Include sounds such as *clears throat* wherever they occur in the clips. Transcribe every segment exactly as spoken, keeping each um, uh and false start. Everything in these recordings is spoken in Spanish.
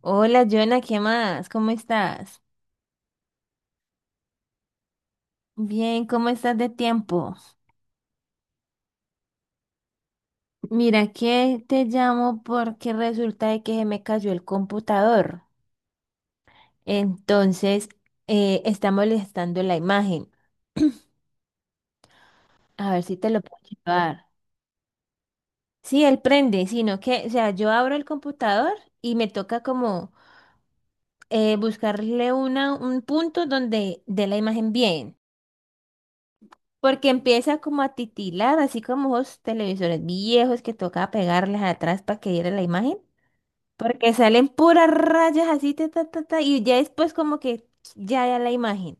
Hola, Joana, ¿qué más? ¿Cómo estás? Bien, ¿cómo estás de tiempo? Mira que te llamo porque resulta de que se me cayó el computador. Entonces, eh, está molestando la imagen. A ver si te lo puedo llevar. Sí, él prende, sino que, o sea, yo abro el computador y me toca como eh, buscarle una, un punto donde dé la imagen bien. Porque empieza como a titilar, así como esos televisores viejos que toca pegarles atrás para que diera la imagen. Porque salen puras rayas así, ta, ta, ta, ta, y ya después como que ya da la imagen.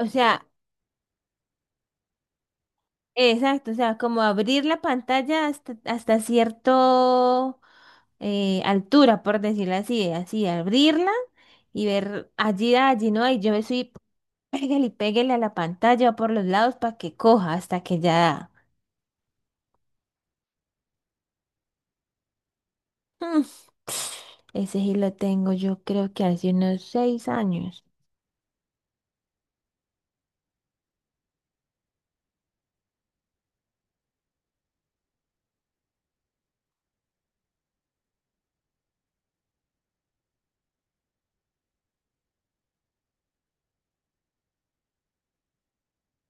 O sea, exacto, o sea, como abrir la pantalla hasta, hasta cierto eh, altura, por decirlo así, así, abrirla y ver allí, allí, ¿no? Y yo me soy, pégale y pégale a la pantalla por los lados para que coja hasta que ya da. Mm, Ese sí lo tengo, yo creo que hace unos seis años.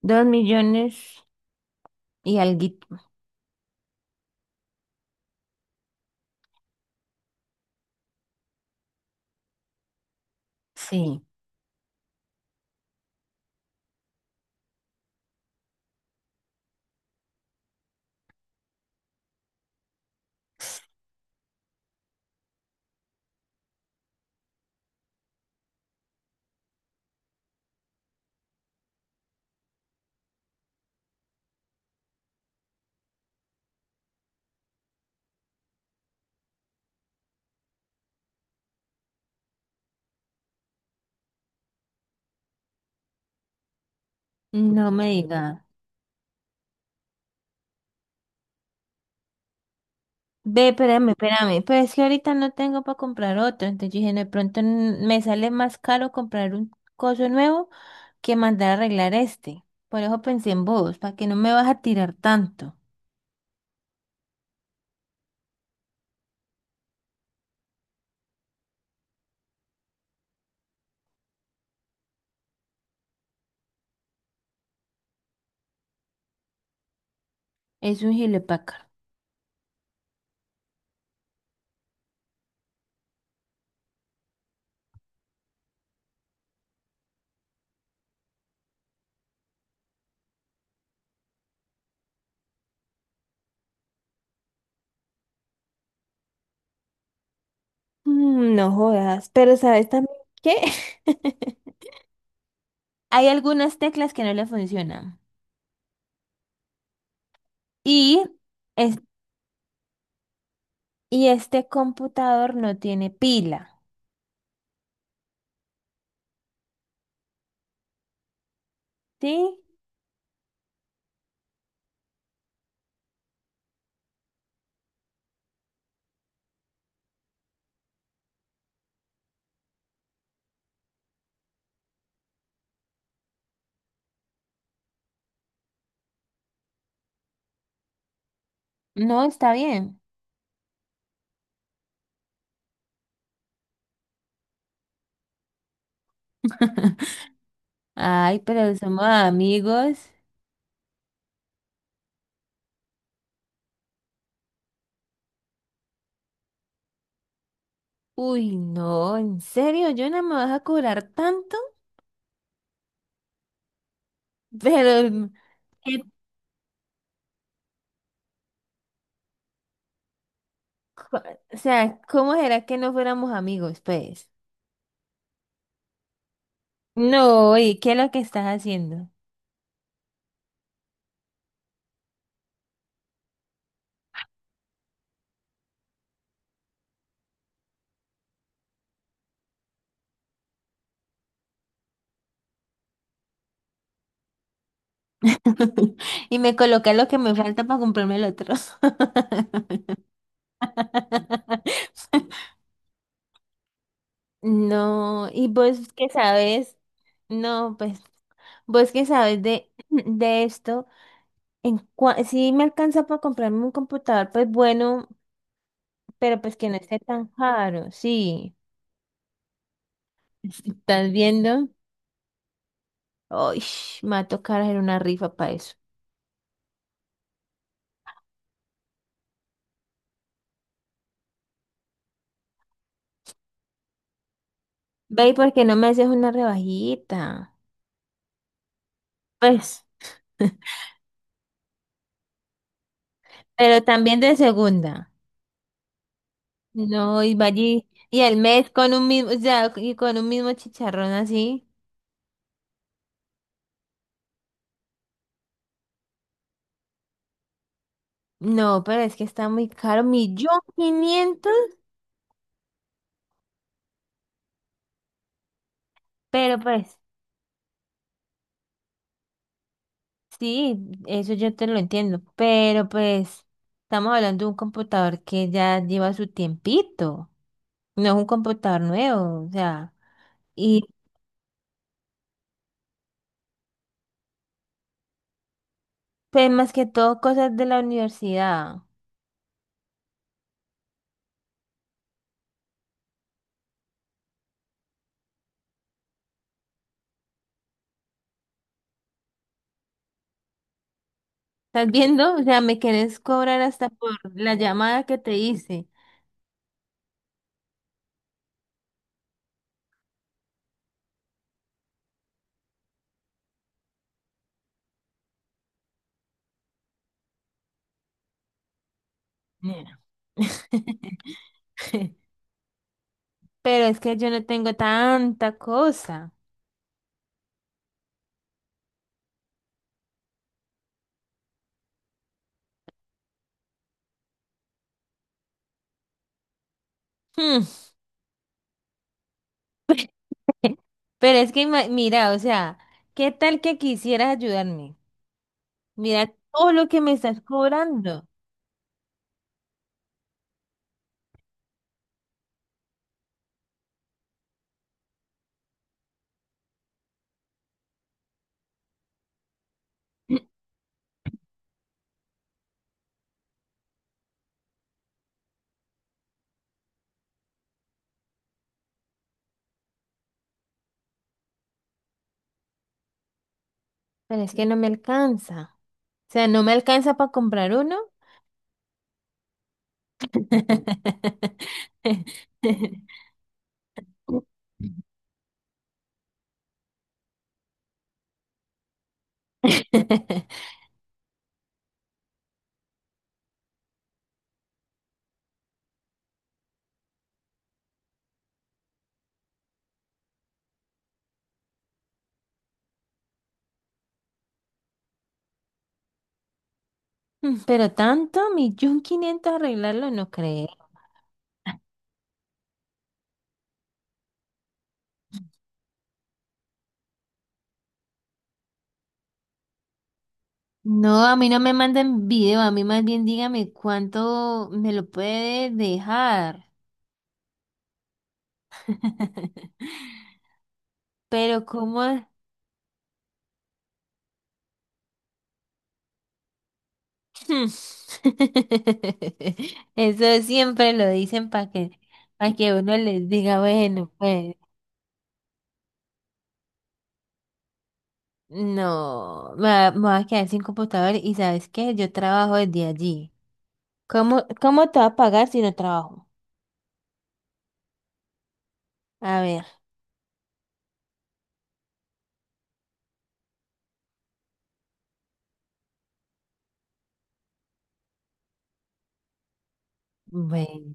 Dos millones y alguito. Sí, no me diga. Ve, espérame, espérame. Pero es que ahorita no tengo para comprar otro. Entonces yo dije: "No, de pronto n- me sale más caro comprar un coso nuevo que mandar a arreglar este". Por eso pensé en vos, para que no me vas a tirar tanto. Es un gilepácaro. Mm, no jodas, pero ¿sabes también qué? *laughs* Hay algunas teclas que no le funcionan. Y, es- y este computador no tiene pila, ¿sí? No, está bien. *laughs* Ay, pero somos amigos. Uy, no, ¿en serio? Yo, ¿Jonah, me vas a cobrar tanto? *laughs* Pero, mm, ¿qué co- o sea, ¿cómo será que no fuéramos amigos, pues? No, ¿y qué es lo que estás haciendo? *laughs* Y me colocas lo que me falta para comprarme el otro. *laughs* No, y vos que sabes, no, pues vos que sabes de, *clears throat* de esto, en cua- sí me alcanza para comprarme un computador, pues bueno, pero pues que no esté tan caro, sí. ¿Estás viendo? Uy, me va a tocar hacer una rifa para eso. Ve, ¿y por qué no me haces una rebajita? Pues, pero también de segunda. No, y va allí, y al mes con un mismo, o sea, y con un mismo chicharrón así. No, pero es que está muy caro, millón quinientos, pero pues, sí, eso yo te lo entiendo, pero pues, estamos hablando de un computador que ya lleva su tiempito, no es un computador nuevo, o sea, y pues más que todo cosas de la universidad, ¿estás viendo? O sea, me querés cobrar hasta por la llamada que te hice. No. *laughs* Pero es que yo no tengo tanta cosa. Hmm. *laughs* Pero es que, ima- mira, o sea, ¿qué tal que quisieras ayudarme? Mira todo lo que me estás cobrando. *clears throat* Pero es que no me alcanza. O sea, no me alcanza para comprar uno. *laughs* Mm, pero tanto, millón quinientos arreglarlo, no creo. No, a mí no me manden video, a mí más bien dígame cuánto me lo puede dejar. *laughs* Pero ¿cómo? Hmm. *laughs* Eso siempre lo dicen para que, para que uno les diga, bueno, pues no, me va- me voy a quedar sin computador y ¿sabes qué? Yo trabajo desde allí. ¿Cómo, cómo te va a pagar si no trabajo? A ver, bueno.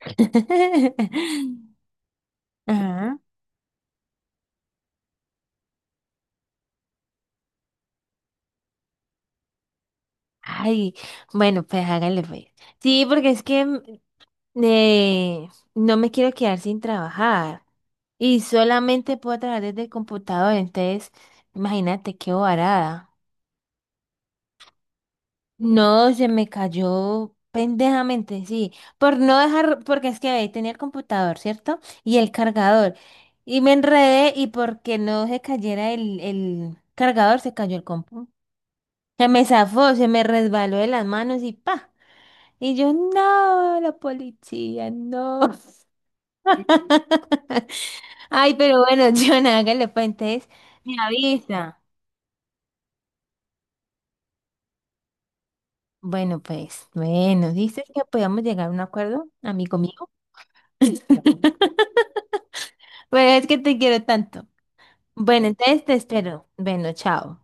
*laughs* Ajá. Ay, bueno, pues hágale pues. Sí, porque es que mm, eh, no me quiero quedar sin trabajar. Y solamente puedo trabajar desde el computador, entonces imagínate qué varada. No, se me cayó pendejamente, sí. Por no dejar, porque es que ahí tenía el computador, ¿cierto? Y el cargador. Y me enredé y porque no se cayera el, el cargador, se cayó el compu. Se me zafó, se me resbaló de las manos y pa. Y yo, no, la policía, no. *laughs* Ay, pero bueno, *laughs* John, hágale pues, entonces me avisa. Bueno, pues, bueno, dices que podíamos llegar a un acuerdo, amigo mío. *laughs* Pero es que te quiero tanto. Bueno, entonces te espero. Bueno, chao.